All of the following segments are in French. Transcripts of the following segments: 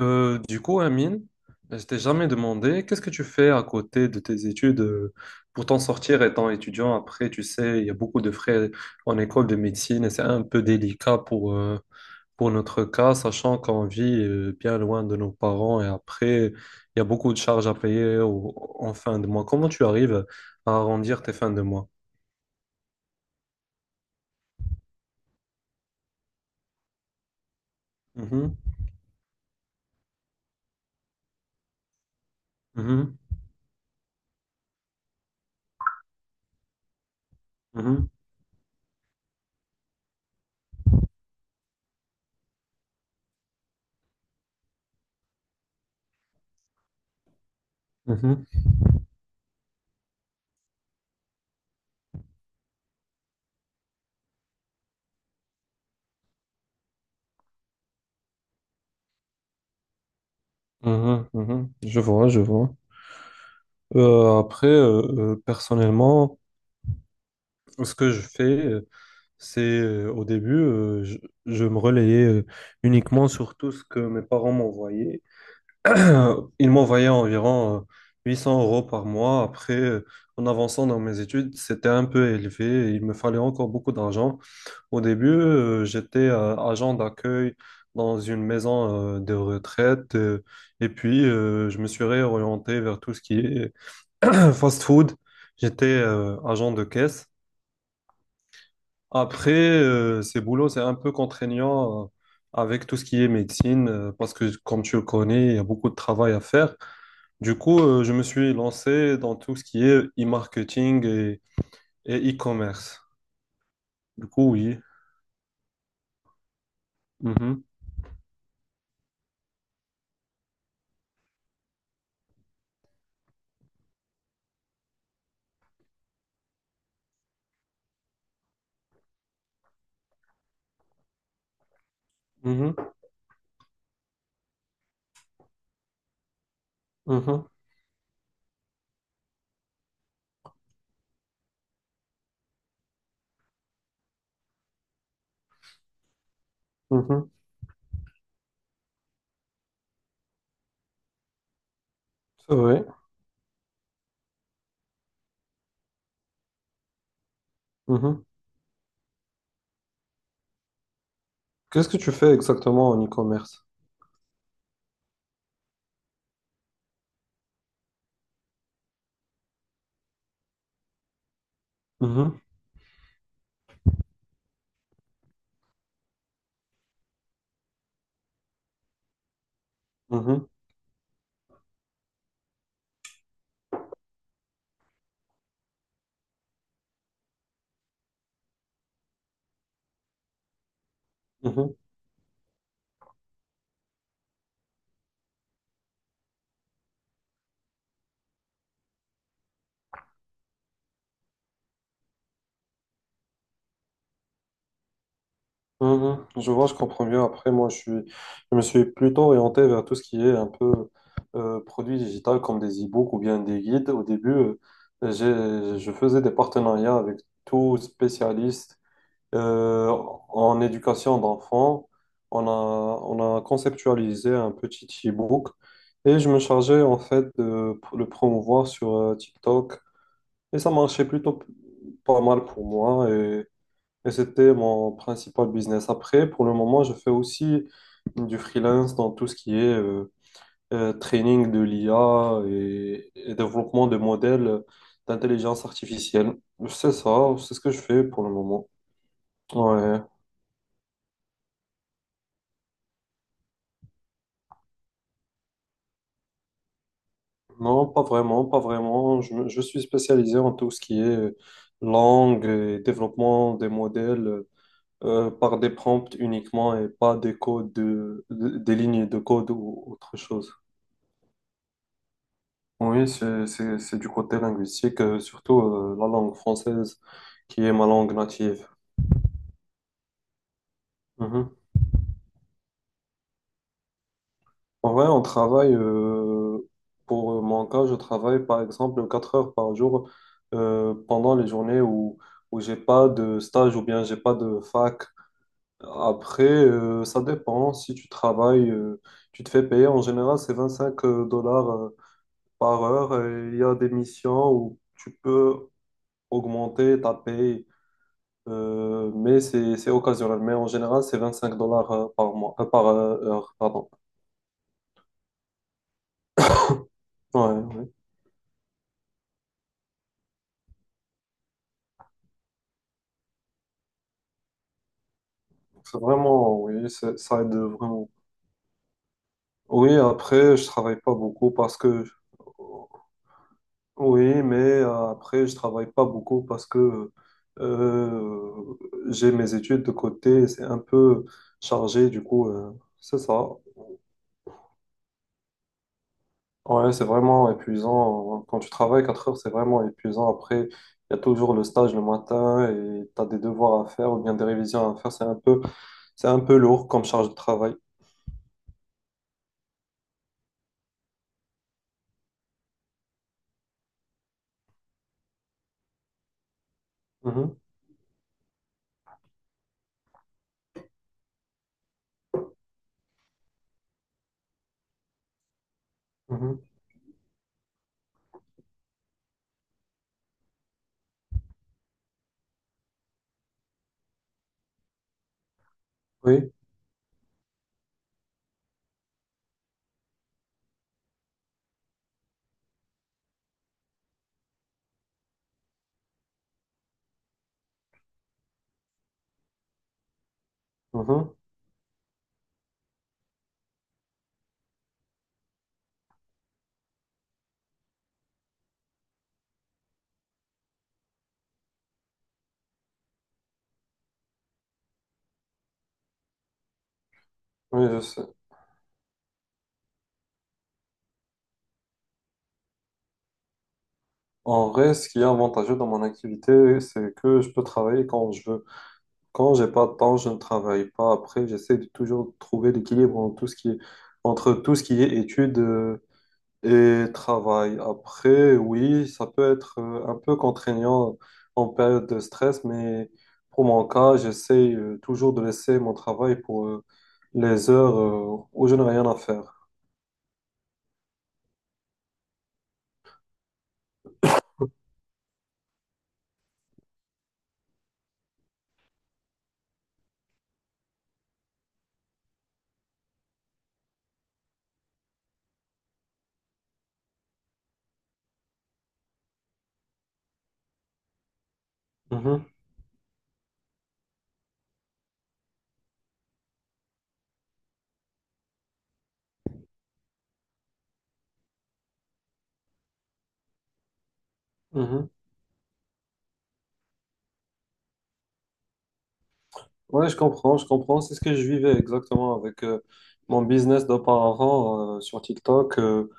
Du coup, Amine, je t'ai jamais demandé, qu'est-ce que tu fais à côté de tes études pour t'en sortir étant étudiant? Après, tu sais, il y a beaucoup de frais en école de médecine et c'est un peu délicat pour notre cas, sachant qu'on vit bien loin de nos parents et après, il y a beaucoup de charges à payer en fin de mois. Comment tu arrives à arrondir tes fins de mois? Mhm, mhm, mhm, mhm, mhm, mhm. Je vois, je vois. Après, personnellement, ce que je fais, c'est au début, je me relayais uniquement sur tout ce que mes parents m'envoyaient. Ils m'envoyaient environ 800 € par mois. Après, en avançant dans mes études, c'était un peu élevé, et Il me fallait encore beaucoup d'argent. Au début, j'étais agent d'accueil dans une maison de retraite. Et puis, je me suis réorienté vers tout ce qui est fast-food. J'étais agent de caisse. Après, ces boulots, c'est un peu contraignant avec tout ce qui est médecine, parce que comme tu le connais, il y a beaucoup de travail à faire. Du coup, je me suis lancé dans tout ce qui est e-marketing et e-commerce. Du coup, oui. Mhm, mhm, mhm, mhm. C'est vrai. Mhm. Qu'est-ce que tu fais exactement en e-commerce? Mhm, mhm, mhm. Mhm. Je vois, je comprends mieux. Après, moi, je me suis plutôt orienté vers tout ce qui est un peu produit digital comme des e-books ou bien des guides. Au début, je faisais des partenariats avec tout spécialiste euh, en éducation d'enfants. On a conceptualisé un petit e-book et je me chargeais en fait de le promouvoir sur TikTok. Et ça marchait plutôt pas mal pour moi. Et c'était mon principal business. Après, pour le moment, je fais aussi du freelance dans tout ce qui est training de l'IA et développement de modèles d'intelligence artificielle. C'est ça, c'est ce que je fais pour le moment. Ouais. Non, pas vraiment, pas vraiment. Je suis spécialisé en tout ce qui est langue et développement des modèles par des prompts uniquement et pas des codes, des lignes de code ou autre chose. Oui, c'est du côté linguistique, surtout la langue française, qui est ma langue native. Mhm. En vrai, on travaille, pour mon cas, je travaille par exemple 4 heures par jour pendant les journées où j'ai pas de stage ou bien j'ai pas de fac. Après, ça dépend. Si tu travailles, tu te fais payer. En général, c'est 25 dollars par heure. Et il y a des missions où tu peux augmenter ta paye . Mais c'est occasionnel. Mais en général, c'est 25 dollars par mois, par heure, pardon. Ouais, oui. C'est vraiment, oui, ça aide vraiment. Oui, après, je travaille pas beaucoup parce que, oui, mais après, je travaille pas beaucoup parce que euh, j'ai mes études de côté, c'est un peu chargé, du coup, c'est ça. Ouais, c'est vraiment épuisant. Quand tu travailles 4 heures, c'est vraiment épuisant. Après, il y a toujours le stage le matin et tu as des devoirs à faire ou bien des révisions à faire. C'est un peu lourd comme charge de travail. Mhm, mhm. Oui, mhm. Oui, je sais. En vrai, ce qui est avantageux dans mon activité, c'est que je peux travailler quand je veux. Quand j'ai pas de temps, je ne travaille pas. Après, j'essaie de toujours trouver l'équilibre entre tout ce qui est études. Et travail après, oui, ça peut être un peu contraignant en période de stress, mais pour mon cas, j'essaie toujours de laisser mon travail pour les heures où je n'ai rien à faire. Mhm, mhm. Ouais, je comprends, je comprends. C'est ce que je vivais exactement avec mon business d'auparavant sur TikTok.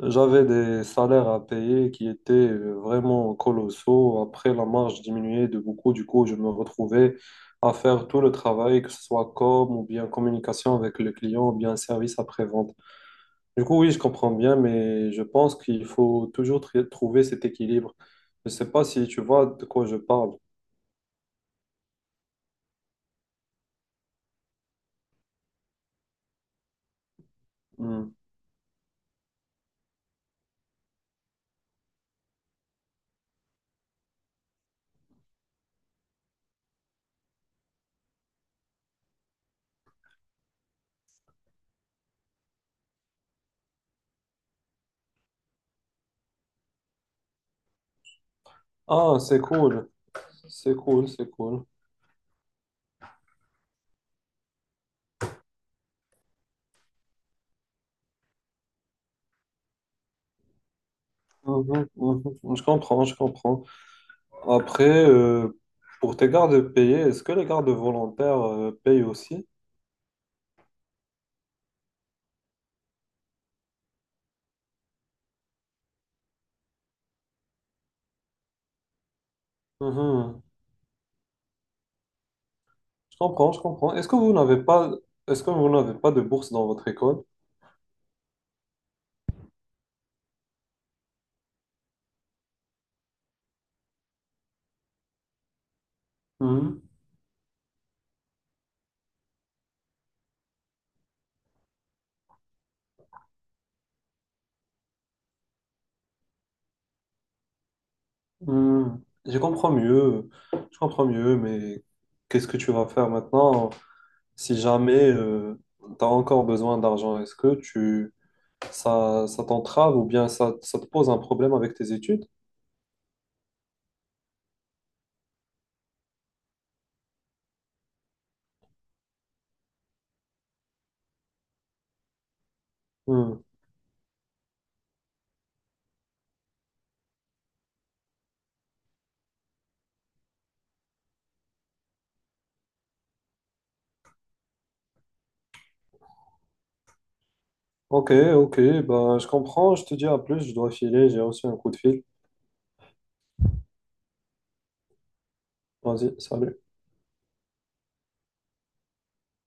J'avais des salaires à payer qui étaient vraiment colossaux. Après, la marge diminuait de beaucoup. Du coup, je me retrouvais à faire tout le travail, que ce soit com ou bien communication avec le client ou bien service après-vente. Du coup, oui, je comprends bien, mais je pense qu'il faut toujours trouver cet équilibre. Je ne sais pas si tu vois de quoi je parle. Hmm. Ah, c'est cool. C'est cool, c'est cool. Mhm, mhm. Je comprends, je comprends. Après, pour tes gardes payés, est-ce que les gardes volontaires payent aussi? Mhm. Je comprends, je comprends. Est-ce que vous n'avez pas de bourse dans votre école? Mhm. Mhm. Je comprends mieux, mais qu'est-ce que tu vas faire maintenant si jamais tu as encore besoin d'argent? Ça, ça t'entrave ou bien ça, ça te pose un problème avec tes études? Mhm. Ok, ok, ben, je comprends, je te dis à plus, je dois filer, j'ai reçu un coup de fil. Vas-y, salut.